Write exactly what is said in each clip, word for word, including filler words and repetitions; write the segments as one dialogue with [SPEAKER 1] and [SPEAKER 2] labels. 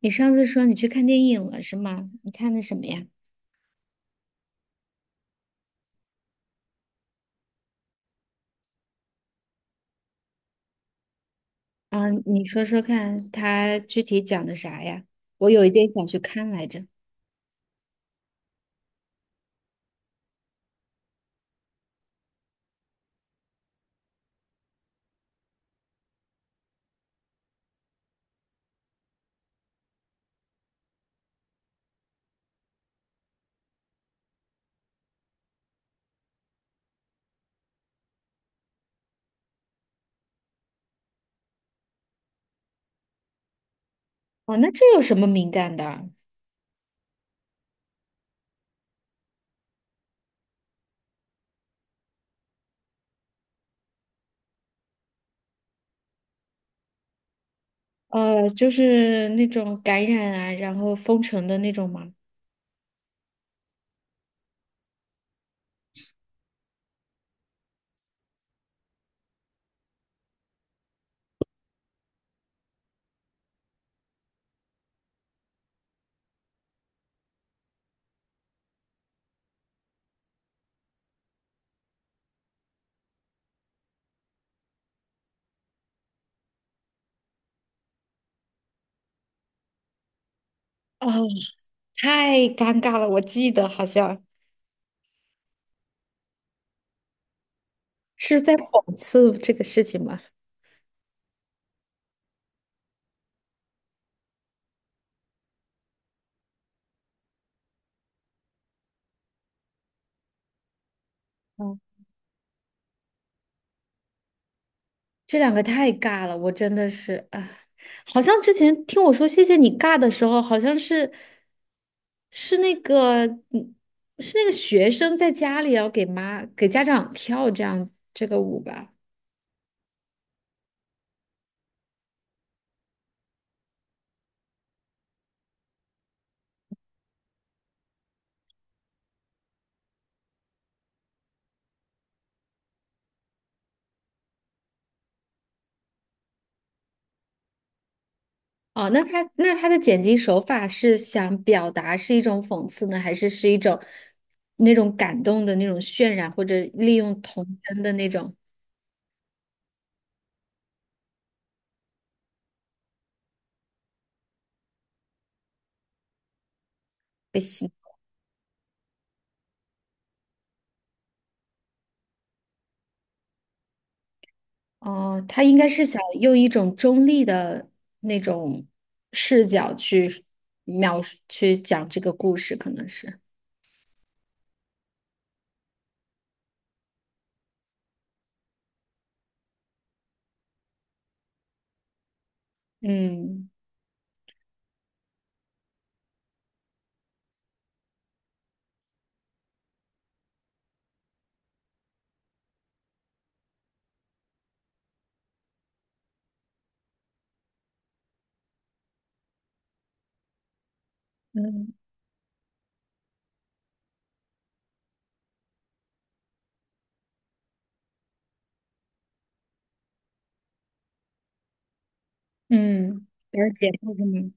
[SPEAKER 1] 你上次说你去看电影了是吗？你看的什么呀？啊，你说说看，它具体讲的啥呀？我有一点想去看来着。哦，那这有什么敏感的？呃，就是那种感染啊，然后封城的那种吗？哦，太尴尬了，我记得好像是在讽刺这个事情吧。这两个太尬了，我真的是啊，好像之前听我说谢谢你尬的时候，好像是是那个嗯是那个学生在家里要给妈给家长跳这样这个舞吧？哦，那他那他的剪辑手法是想表达是一种讽刺呢，还是是一种那种感动的那种渲染，或者利用童真的那种被洗？哦，他应该是想用一种中立的那种视角去描述、去讲这个故事，可能是。嗯嗯。嗯，了解。嗯，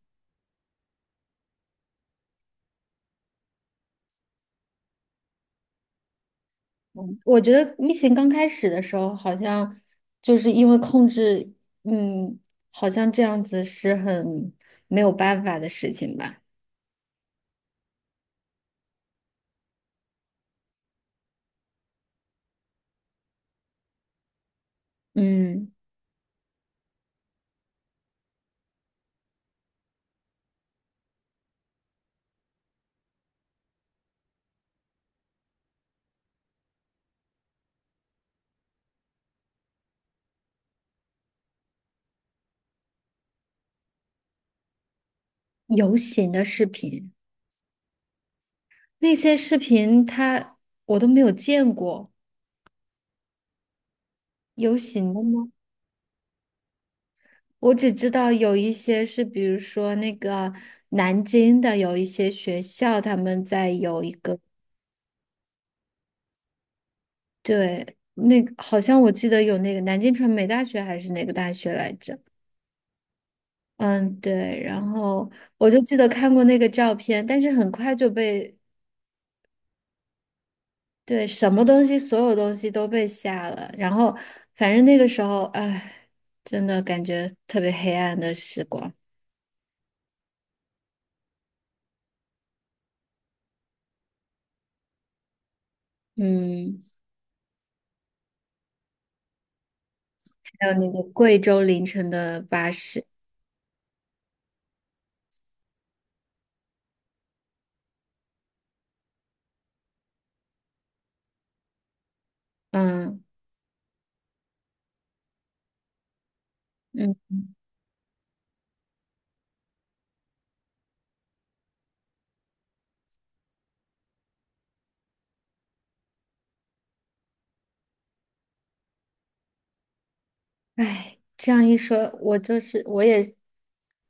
[SPEAKER 1] 嗯我觉得疫情刚开始的时候，好像就是因为控制。嗯。好像这样子是很没有办法的事情吧。嗯，游行的视频，那些视频他我都没有见过，游行的吗？我只知道有一些是，比如说那个南京的有一些学校，他们在有一个。对，那个好像我记得有那个南京传媒大学还是哪个大学来着？嗯，对，然后我就记得看过那个照片，但是很快就被。对，什么东西，所有东西都被下了，然后反正那个时候，哎，真的感觉特别黑暗的时光。嗯，还有那个贵州凌晨的巴士。嗯。嗯哎，这样一说，我就是我也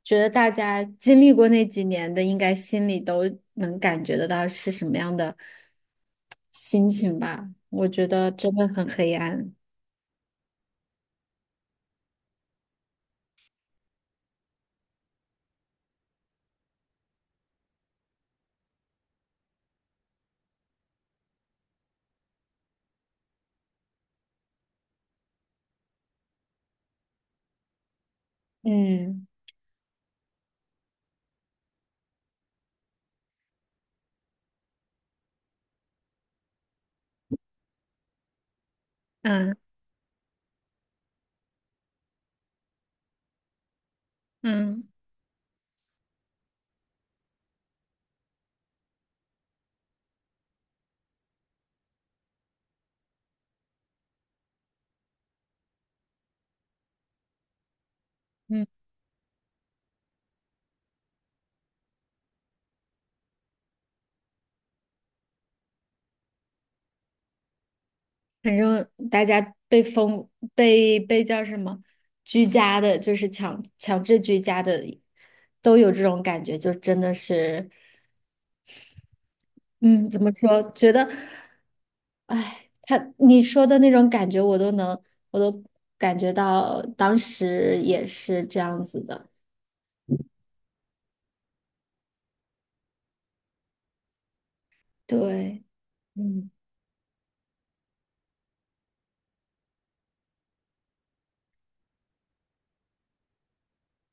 [SPEAKER 1] 觉得大家经历过那几年的，应该心里都能感觉得到是什么样的心情吧。我觉得真的很黑暗。嗯。嗯。嗯。嗯，反正大家被封被被叫什么居家的，就是强强制居家的，都有这种感觉，就真的是。嗯，怎么说？觉得。哎，他你说的那种感觉，我都能，我都感觉到当时也是这样子的。对。嗯。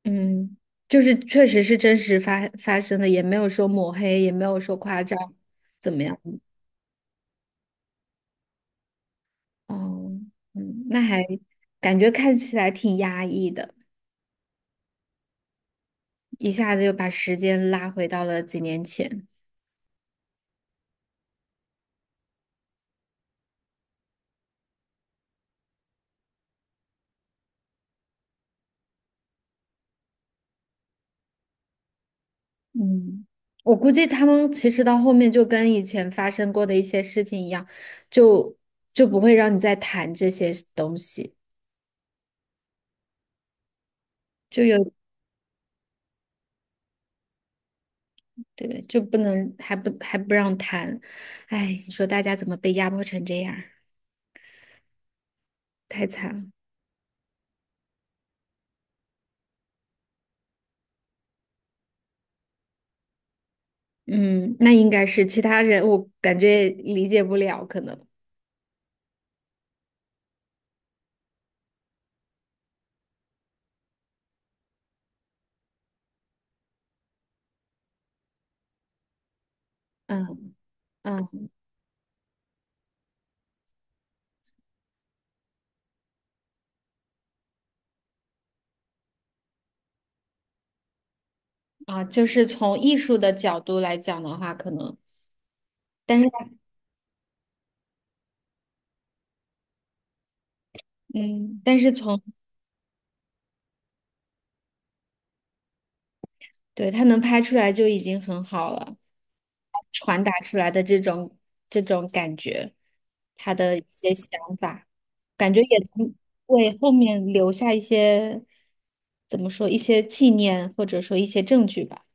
[SPEAKER 1] 嗯，就是确实是真实发发生的，也没有说抹黑，也没有说夸张，怎么样？哦。嗯，那还感觉看起来挺压抑的，一下子又把时间拉回到了几年前。嗯，我估计他们其实到后面就跟以前发生过的一些事情一样，就就不会让你再谈这些东西，就有。对，就不能还不还不让谈，哎，你说大家怎么被压迫成这样儿太惨了。嗯，那应该是其他人，我感觉理解不了，可能。嗯。嗯。啊，就是从艺术的角度来讲的话，可能。但是嗯，但是从对，他能拍出来就已经很好了，传达出来的这种这种感觉，他的一些想法，感觉也能为后面留下一些，怎么说，一些纪念或者说一些证据吧。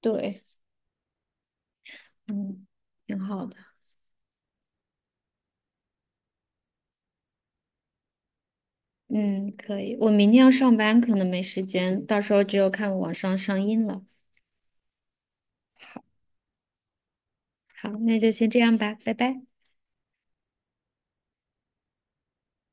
[SPEAKER 1] 对。嗯，挺好的。嗯，可以。我明天要上班，可能没时间，到时候只有看网上上映了。好。好，那就先这样吧，拜拜。